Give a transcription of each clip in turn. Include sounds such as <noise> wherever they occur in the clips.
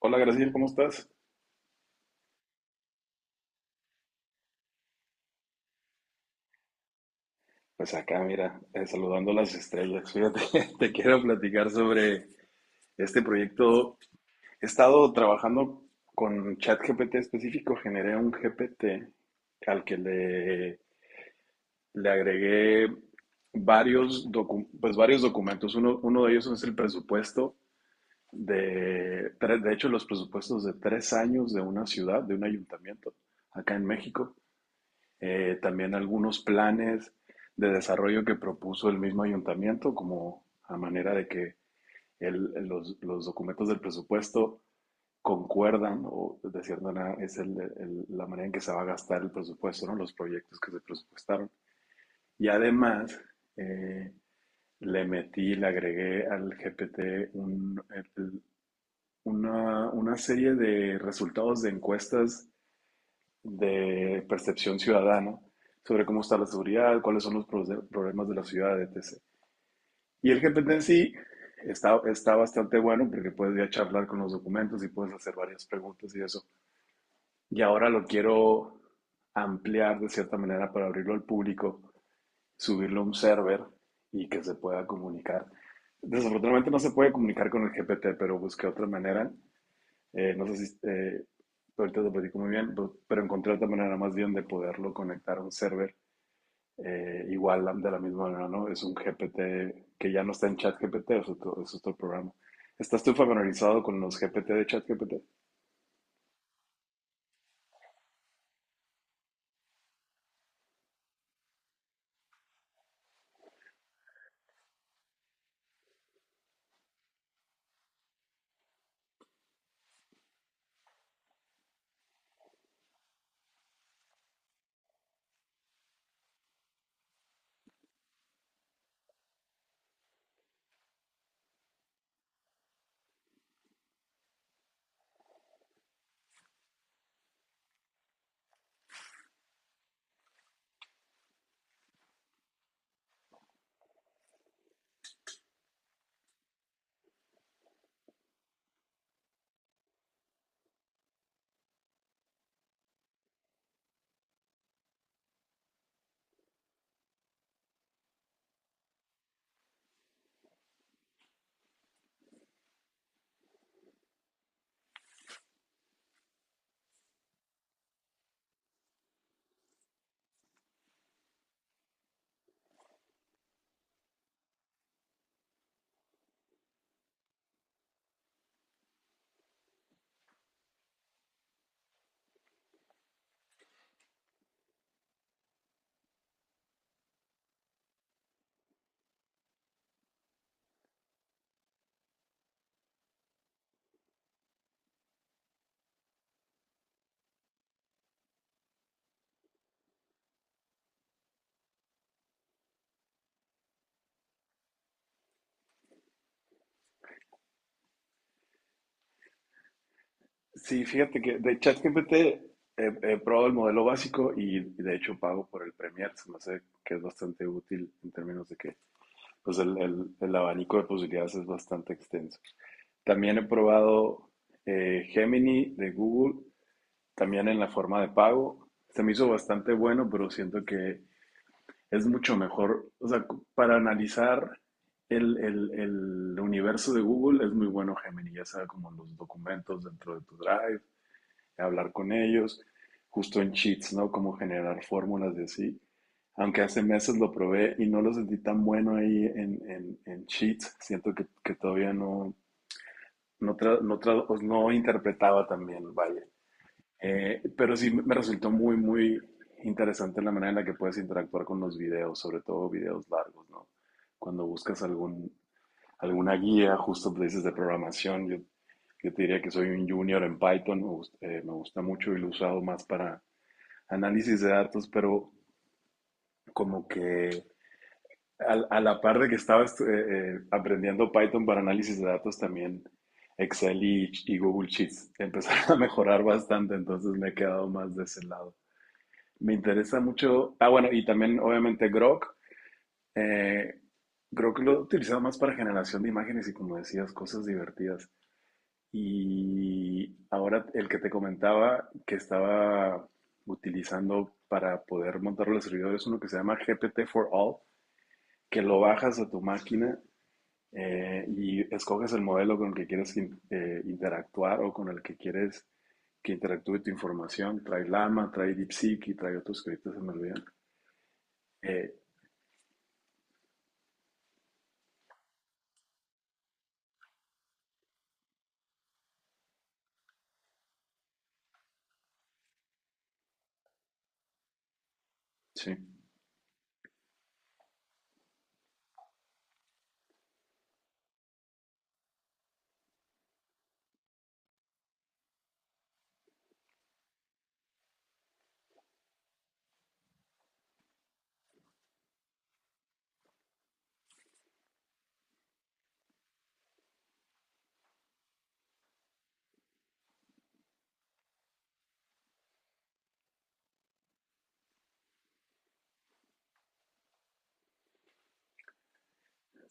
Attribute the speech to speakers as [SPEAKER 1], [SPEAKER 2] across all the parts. [SPEAKER 1] Hola, Graciela, ¿cómo estás? Pues acá, mira, saludando las estrellas. Fíjate, <laughs> te quiero platicar sobre este proyecto. He estado trabajando con ChatGPT específico, generé un GPT al que le agregué pues varios documentos. Uno de ellos es el presupuesto de hecho, los presupuestos de 3 años de una ciudad, de un ayuntamiento acá en México. También algunos planes de desarrollo que propuso el mismo ayuntamiento, como a manera de que los documentos del presupuesto concuerdan, o de cierta manera es la manera en que se va a gastar el presupuesto, ¿no? Los proyectos que se presupuestaron. Y además, eh, le agregué al GPT el- una serie de resultados de encuestas de percepción ciudadana sobre cómo está la seguridad, cuáles son los problemas de la ciudad, etc. Y el GPT en sí está bastante bueno porque puedes ya charlar con los documentos y puedes hacer varias preguntas y eso. Y ahora lo quiero ampliar de cierta manera para abrirlo al público, subirlo a un server y que se pueda comunicar. Desafortunadamente no se puede comunicar con el GPT, pero busqué otra manera no sé si ahorita te platico muy bien, pero encontré otra manera más bien de poderlo conectar a un server igual de la misma manera, ¿no? Es un GPT que ya no está en ChatGPT, es otro programa. ¿Estás tú familiarizado con los GPT de ChatGPT? Sí, fíjate que de ChatGPT he probado el modelo básico y de hecho pago por el Premier, se me hace que es bastante útil en términos de que pues el abanico de posibilidades es bastante extenso. También he probado Gemini de Google, también en la forma de pago. Se me hizo bastante bueno, pero siento que es mucho mejor. O sea, para analizar el universo de Google es muy bueno Gemini, ya sea como los documentos dentro de tu Drive hablar con ellos, justo en cheats, ¿no? Como generar fórmulas de así. Aunque hace meses lo probé y no lo sentí tan bueno ahí en cheats, siento que todavía pues, no interpretaba tan bien, vaya. Pero sí me resultó muy interesante la manera en la que puedes interactuar con los videos, sobre todo videos largos, ¿no? Cuando buscas alguna guía, justo dices de programación, yo te diría que soy un junior en Python, gusta me gusta mucho y lo he usado más para análisis de datos, pero como que la par de que estaba aprendiendo Python para análisis de datos, también Excel y Google Sheets <laughs> empezaron a mejorar bastante, entonces me he quedado más de ese lado. Me interesa mucho, ah bueno, y también obviamente Grok, eh, creo lo he utilizado más para generación de imágenes y como decías, cosas divertidas. Y ahora el que te comentaba que estaba utilizando para poder montar los servidores es uno que se llama GPT for All, que lo bajas a tu máquina y escoges el modelo con el que quieres interactuar o con el que quieres que interactúe tu información. Trae llama, trae DeepSeek y trae otros que ahorita se me olvidan. Eh, sí,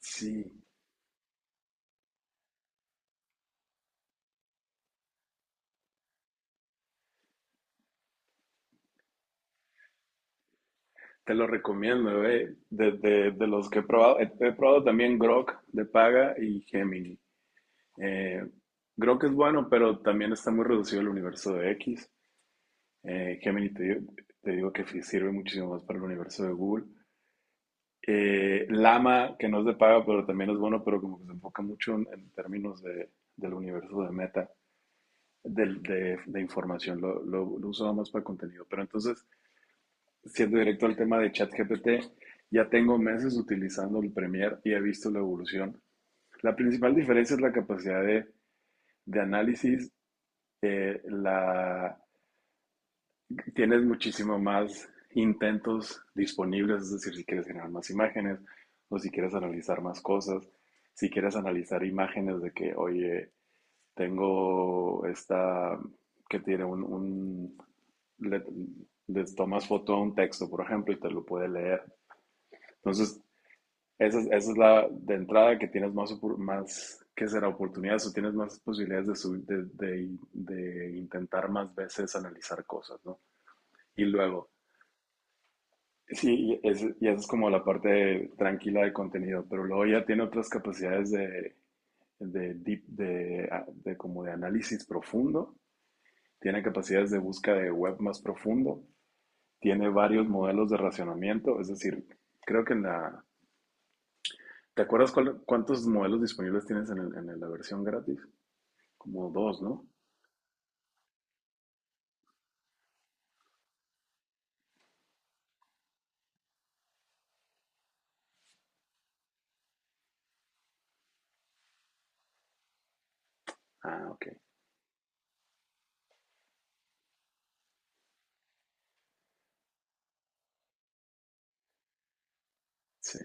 [SPEAKER 1] sí, te lo recomiendo, eh. De los que he probado, he probado también Grok de paga y Gemini. Eh, Creo que es bueno, pero también está muy reducido el universo de X. Eh, Gemini te, digo- te digo que sí sirve muchísimo más para el universo de Google. Llama, que no es de paga, pero también es bueno, pero como que se enfoca mucho en términos del universo de Meta, de información. Lo usaba más para contenido. Pero entonces, siendo directo al tema de ChatGPT, ya tengo meses utilizando el Premiere y he visto la evolución. La principal diferencia es la capacidad de análisis, eh, la, tienes muchísimo más intentos disponibles, es decir, si quieres generar más imágenes o si quieres analizar más cosas, si quieres analizar imágenes de que, oye, tengo esta que tiene un le, le tomas foto a un texto, por ejemplo, y te lo puede leer. Entonces, esa es la de entrada que tienes más, más que será oportunidades o tienes más posibilidades de, sub, de intentar más veces analizar cosas, ¿no? Y luego, sí, y esa es como la parte tranquila de contenido, pero luego ya tiene otras capacidades de como de análisis profundo, tiene capacidades de búsqueda de web más profundo, tiene varios modelos de racionamiento, es decir, creo que en la... ¿Te acuerdas cuántos modelos disponibles tienes en, la versión gratis? Como dos, ¿no? Ah, ok. Sí.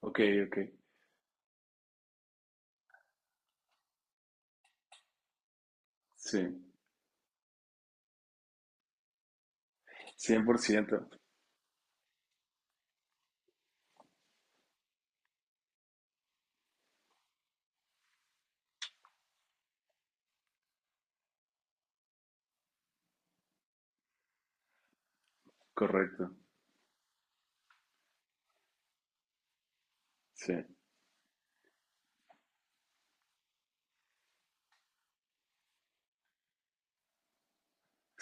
[SPEAKER 1] Ok, ok. Sí. Cien por ciento. Correcto. Sí.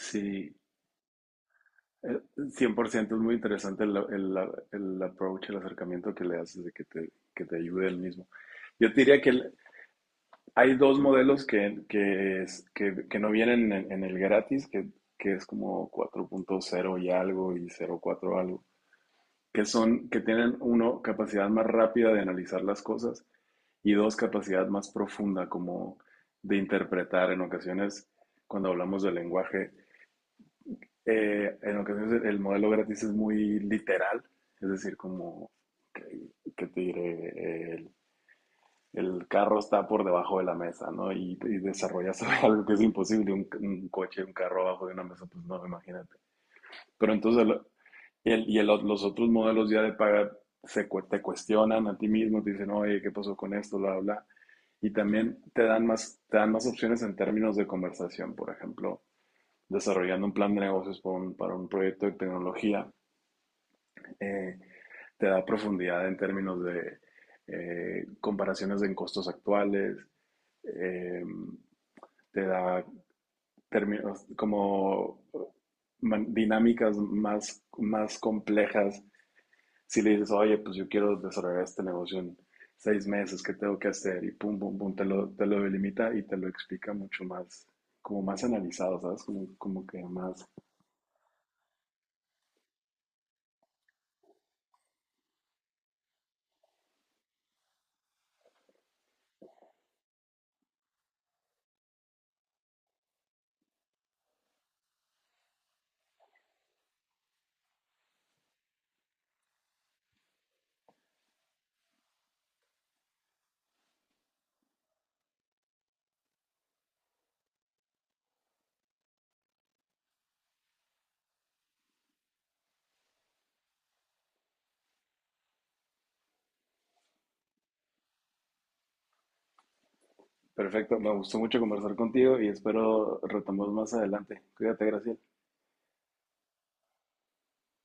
[SPEAKER 1] Sí. Eh, 100% es muy interesante el approach, el acercamiento que le haces de que que te ayude el mismo. Yo te diría que hay dos modelos que no vienen en el gratis, que es como cuatro punto cero y algo y cero cuatro algo, que tienen uno, capacidad más rápida de analizar las cosas y dos, capacidad más profunda como de interpretar en ocasiones cuando hablamos del lenguaje, en ocasiones el modelo gratis es muy literal, es decir, como que, que te diré, el carro está por debajo de la mesa, ¿no? Y desarrollas <laughs> algo que es imposible, coche, un carro abajo de una mesa, pues no, imagínate. Pero entonces, y los otros modelos ya de paga te cuestionan a ti mismo, te dicen, oye, ¿qué pasó con esto? Bla, bla. Y también te dan más opciones en términos de conversación, por ejemplo desarrollando un plan de negocios para para un proyecto de tecnología, eh, te da profundidad en términos de comparaciones en costos actuales, eh, te da términos como dinámicas más, más complejas. Si le dices, oye, pues yo quiero desarrollar este negocio en 6 meses, ¿qué tengo que hacer? Y pum, pum, pum, te lo delimita y te lo explica mucho más, como más analizado, ¿sabes? Como, como que más... Perfecto, me gustó mucho conversar contigo y espero retomemos más adelante. Cuídate, Graciela.